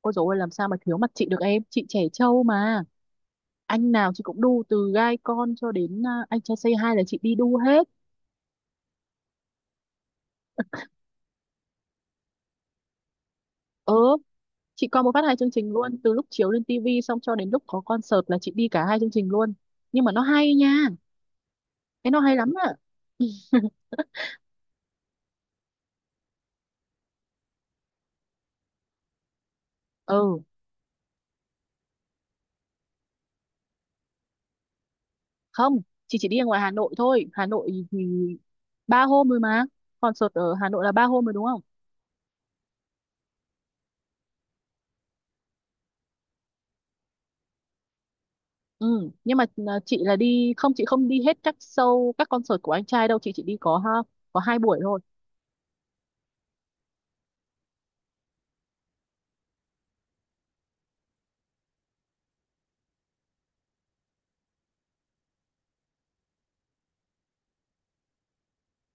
Ôi dồi ôi, làm sao mà thiếu mặt chị được em. Chị trẻ trâu mà. Anh nào chị cũng đu, từ gai con cho đến anh trai Say Hi là chị đi đu hết. Ừ, chị coi một phát hai chương trình luôn. Từ lúc chiếu lên tivi xong cho đến lúc có concert là chị đi cả hai chương trình luôn. Nhưng mà nó hay nha, nó hay lắm ạ. Ừ, không, chị chỉ đi ở ngoài Hà Nội thôi. Hà Nội thì ba hôm rồi mà. Concert ở Hà Nội là ba hôm rồi đúng không? Ừ, nhưng mà chị là đi không, chị không đi hết các show các concert của anh trai đâu, chị chỉ đi có có hai buổi thôi.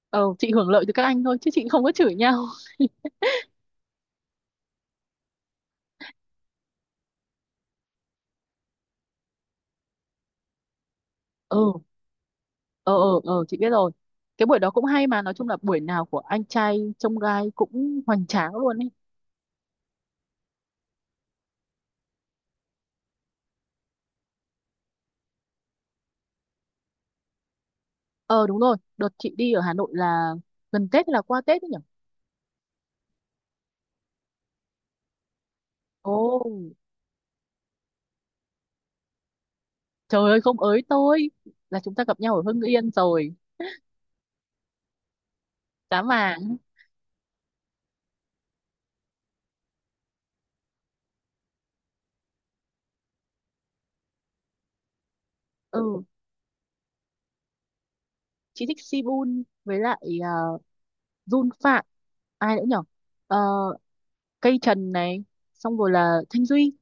Ờ, chị hưởng lợi từ các anh thôi chứ chị không có chửi nhau. Ừ. Ờ, chị biết rồi. Cái buổi đó cũng hay mà, nói chung là buổi nào của anh trai trông gai cũng hoành tráng luôn ấy. Ờ đúng rồi, đợt chị đi ở Hà Nội là gần Tết hay là qua Tết ấy nhỉ? Ồ, trời ơi, không ới tôi, là chúng ta gặp nhau ở Hưng Yên rồi. Giá vàng. Ừ, chị thích Sibun với lại uh, Jun Phạm, ai nữa nhỉ? Ờ, Cây Trần này, xong rồi là Thanh Duy.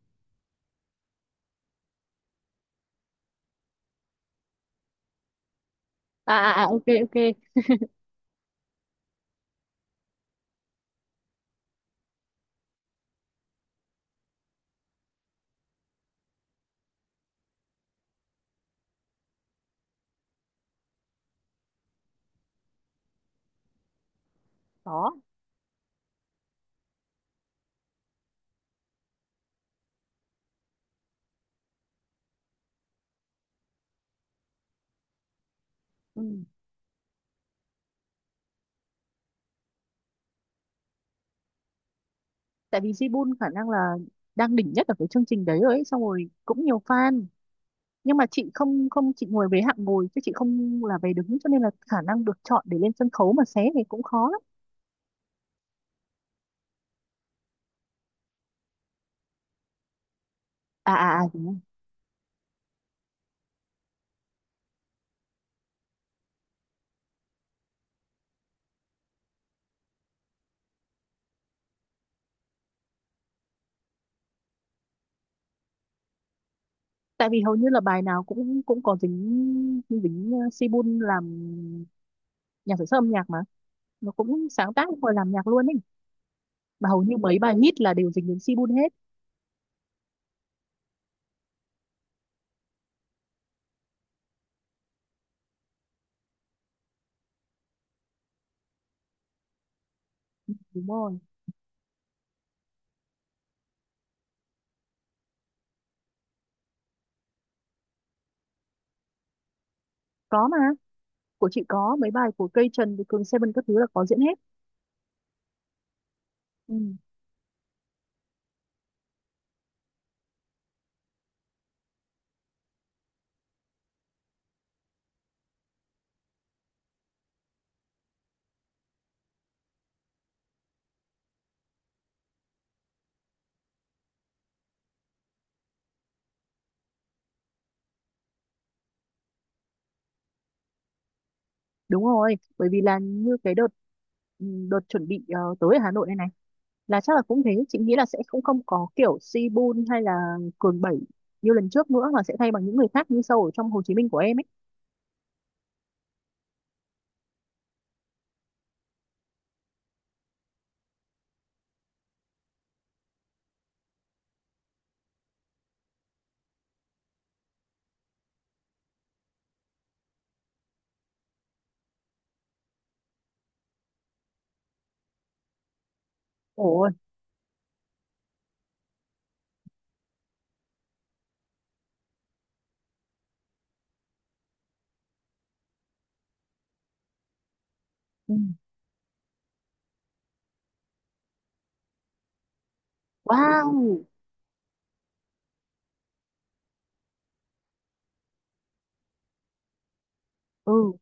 À à à, ok ok. Đó. Ừ, tại vì Jibun khả năng là đang đỉnh nhất ở cái chương trình đấy rồi ấy, xong rồi cũng nhiều fan. Nhưng mà chị không không chị ngồi về hạng ngồi chứ chị không là về đứng, cho nên là khả năng được chọn để lên sân khấu mà xé thì cũng khó lắm. À à à, đúng rồi. Tại vì hầu như là bài nào cũng cũng có dính dính Sibun làm nhà sản xuất âm nhạc mà, nó cũng sáng tác rồi làm nhạc luôn ấy. Mà hầu như mấy bài hit là đều dính đến Sibun hết. Đúng rồi, có mà, của chị có mấy bài của Cây Trần với Cường Seven các thứ là có diễn hết. Ừ. Đúng rồi, bởi vì là như cái đợt, đợt chuẩn bị tới ở Hà Nội này này là chắc là cũng thế, chị nghĩ là sẽ không không có kiểu Sibun hay là Cường Bảy như lần trước nữa, mà sẽ thay bằng những người khác như sâu ở trong Hồ Chí Minh của em ấy. Ồ. Ừ. Wow. Ừ.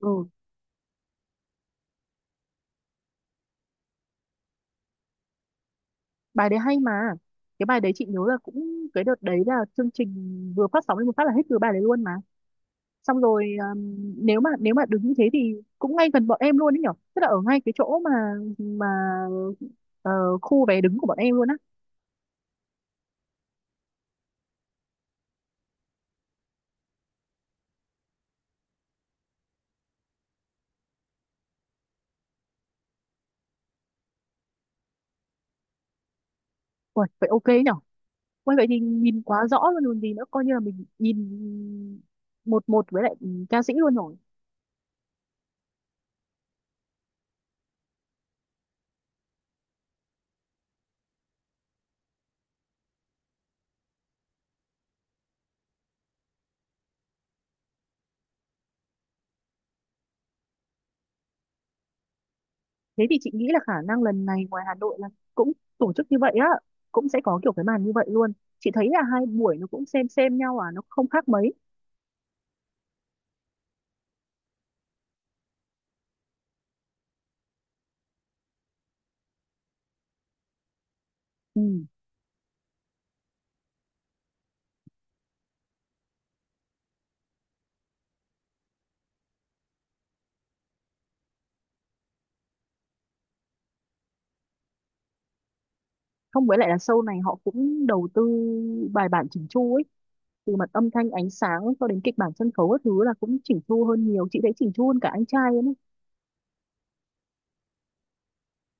Ừ, bài đấy hay mà. Cái bài đấy chị nhớ là cũng cái đợt đấy là chương trình vừa phát sóng lên một phát là hết từ bài đấy luôn. Xong rồi um, nếu mà đứng như thế thì cũng ngay gần bọn em luôn đấy nhở, tức là ở ngay cái chỗ mà ờ, khu vé đứng của bọn em luôn á. Uầy, vậy ok nhở. Uầy, vậy thì nhìn quá rõ luôn còn gì nữa, coi như là mình nhìn một một với lại ca sĩ luôn rồi. Thế thì chị nghĩ là khả năng lần này ngoài Hà Nội là cũng tổ chức như vậy á, cũng sẽ có kiểu cái màn như vậy luôn. Chị thấy là hai buổi nó cũng xem nhau à, nó không khác mấy. Ừ. Không, với lại là show này họ cũng đầu tư bài bản chỉnh chu ấy, từ mặt âm thanh ánh sáng cho đến kịch bản sân khấu các thứ là cũng chỉnh chu hơn nhiều, chị thấy chỉnh chu hơn cả anh trai ấy.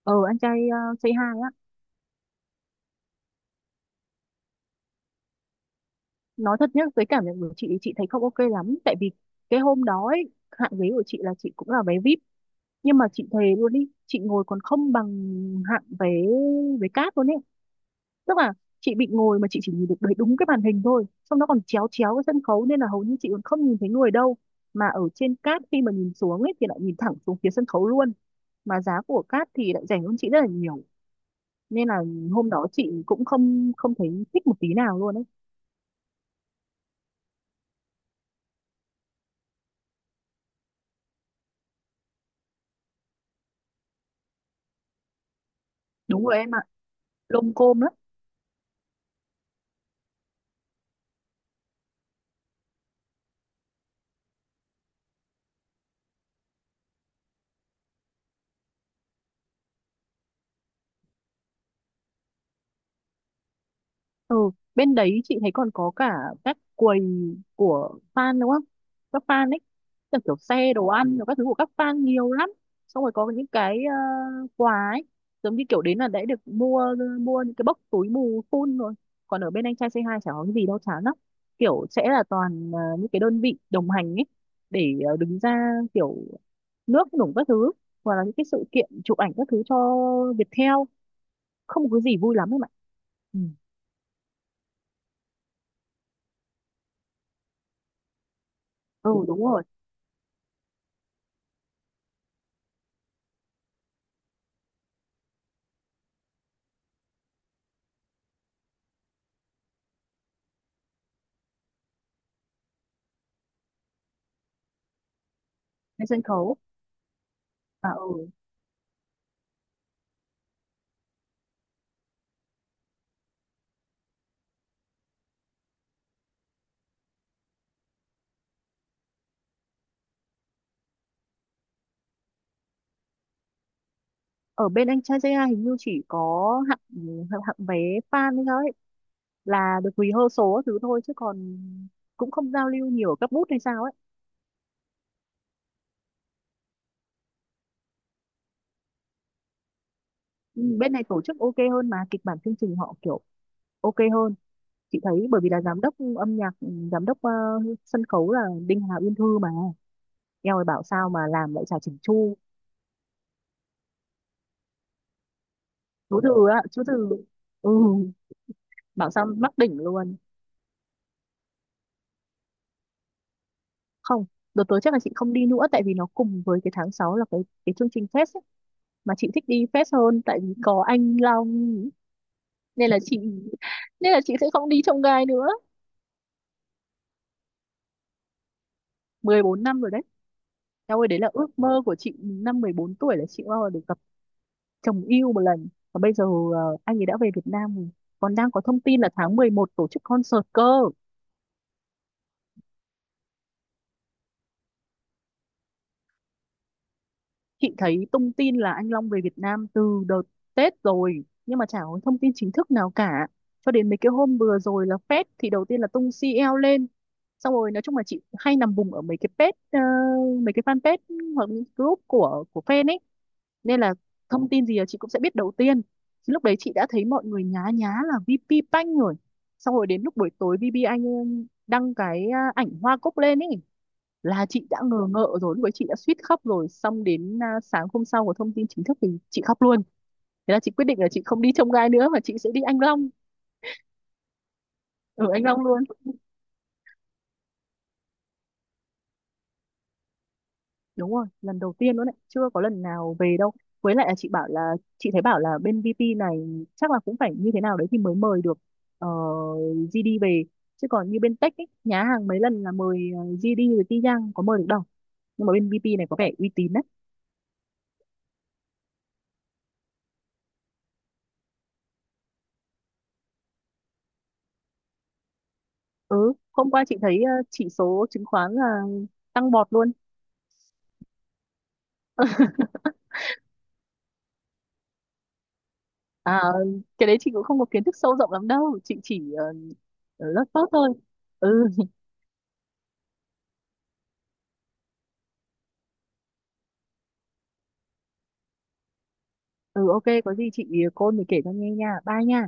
Ờ anh trai Say Hi á. Nói thật nhá, với cảm nhận của chị thấy không ok lắm, tại vì cái hôm đó ấy, hạng ghế của chị là chị cũng là vé VIP, nhưng mà chị thề luôn đi, chị ngồi còn không bằng hạng vé vé cát luôn ấy. Tức là chị bị ngồi mà chị chỉ nhìn được đấy đúng cái màn hình thôi, xong nó còn chéo chéo cái sân khấu nên là hầu như chị còn không nhìn thấy người đâu. Mà ở trên cát khi mà nhìn xuống ấy thì lại nhìn thẳng xuống phía sân khấu luôn, mà giá của cát thì lại rẻ hơn chị rất là nhiều. Nên là hôm đó chị cũng không không thấy thích một tí nào luôn ấy. Đúng rồi em ạ, lôm côm lắm. Ừ, bên đấy chị thấy còn có cả các quầy của fan đúng không? Các fan ấy, kiểu, kiểu xe đồ ăn, rồi các thứ của các fan nhiều lắm. Xong rồi có những cái quà ấy, giống như kiểu đến là đã được mua mua những cái bốc túi mù full rồi. Còn ở bên anh trai C hai chả có cái gì đâu, chán lắm. Kiểu sẽ là toàn những cái đơn vị đồng hành ấy để đứng ra kiểu nước nủng các thứ, hoặc là những cái sự kiện chụp ảnh các thứ cho Viettel, không có gì vui lắm em ạ. Ừ. Ừ đúng rồi. Trên sân khấu. À ừ. Ở bên anh trai JI hình như chỉ có hạng hạng vé fan ấy thôi là được rehearsal các thứ thôi, chứ còn cũng không giao lưu nhiều ở các booth hay sao ấy. Ừ, bên này tổ chức ok hơn mà kịch bản chương trình họ kiểu ok hơn. Chị thấy bởi vì là giám đốc âm nhạc, giám đốc sân khấu là Đinh Hà Uyên Thư mà. Eo ơi, bảo sao mà làm lại chả chỉnh chu. Chú Từ á, chú Từ. Ừ, bảo sao mắc đỉnh luôn. Không, đợt tới chắc là chị không đi nữa, tại vì nó cùng với cái tháng 6 là cái chương trình fest ấy. Mà chị thích đi fest hơn tại vì có anh Long, nên là chị nên là chị sẽ không đi trông gai nữa. Mười bốn năm rồi đấy. Eo ơi, đấy là ước mơ của chị năm 14 tuổi là chị bao giờ được gặp chồng yêu một lần, và bây giờ anh ấy đã về Việt Nam rồi, còn đang có thông tin là tháng 11 tổ chức concert cơ. Chị thấy tung tin là anh Long về Việt Nam từ đợt Tết rồi, nhưng mà chả có thông tin chính thức nào cả, cho đến mấy cái hôm vừa rồi là Fed thì đầu tiên là tung CL lên. Xong rồi nói chung là chị hay nằm vùng ở mấy cái page mấy cái fanpage hoặc những group của fan ấy, nên là thông tin gì là chị cũng sẽ biết đầu tiên. Thì lúc đấy chị đã thấy mọi người nhá nhá là VP Banh rồi, xong rồi đến lúc buổi tối VP Anh đăng cái ảnh hoa cúc lên ấy, là chị đã ngờ ngợ rồi, lúc ấy chị đã suýt khóc rồi, xong đến sáng hôm sau có thông tin chính thức thì chị khóc luôn. Thế là chị quyết định là chị không đi trông gai nữa mà chị sẽ đi Anh Long, ở Anh Long luôn. Đúng rồi, lần đầu tiên luôn đấy, chưa có lần nào về đâu. Với lại là chị bảo là, chị thấy bảo là bên VP này chắc là cũng phải như thế nào đấy thì mới mời được ờ, GD về, chứ còn như bên Tech ấy, nhá hàng mấy lần là mời GD rồi Ti Giang có mời được đâu. Nhưng mà bên VP này có vẻ uy tín đấy. Ừ, hôm qua chị thấy chỉ số chứng khoán là tăng bọt luôn. À, cái đấy chị cũng không có kiến thức sâu rộng lắm đâu, chị chỉ lớt phớt thôi. Ừ. Ừ ok, có gì chị cô mình kể cho nghe nha, bye nha.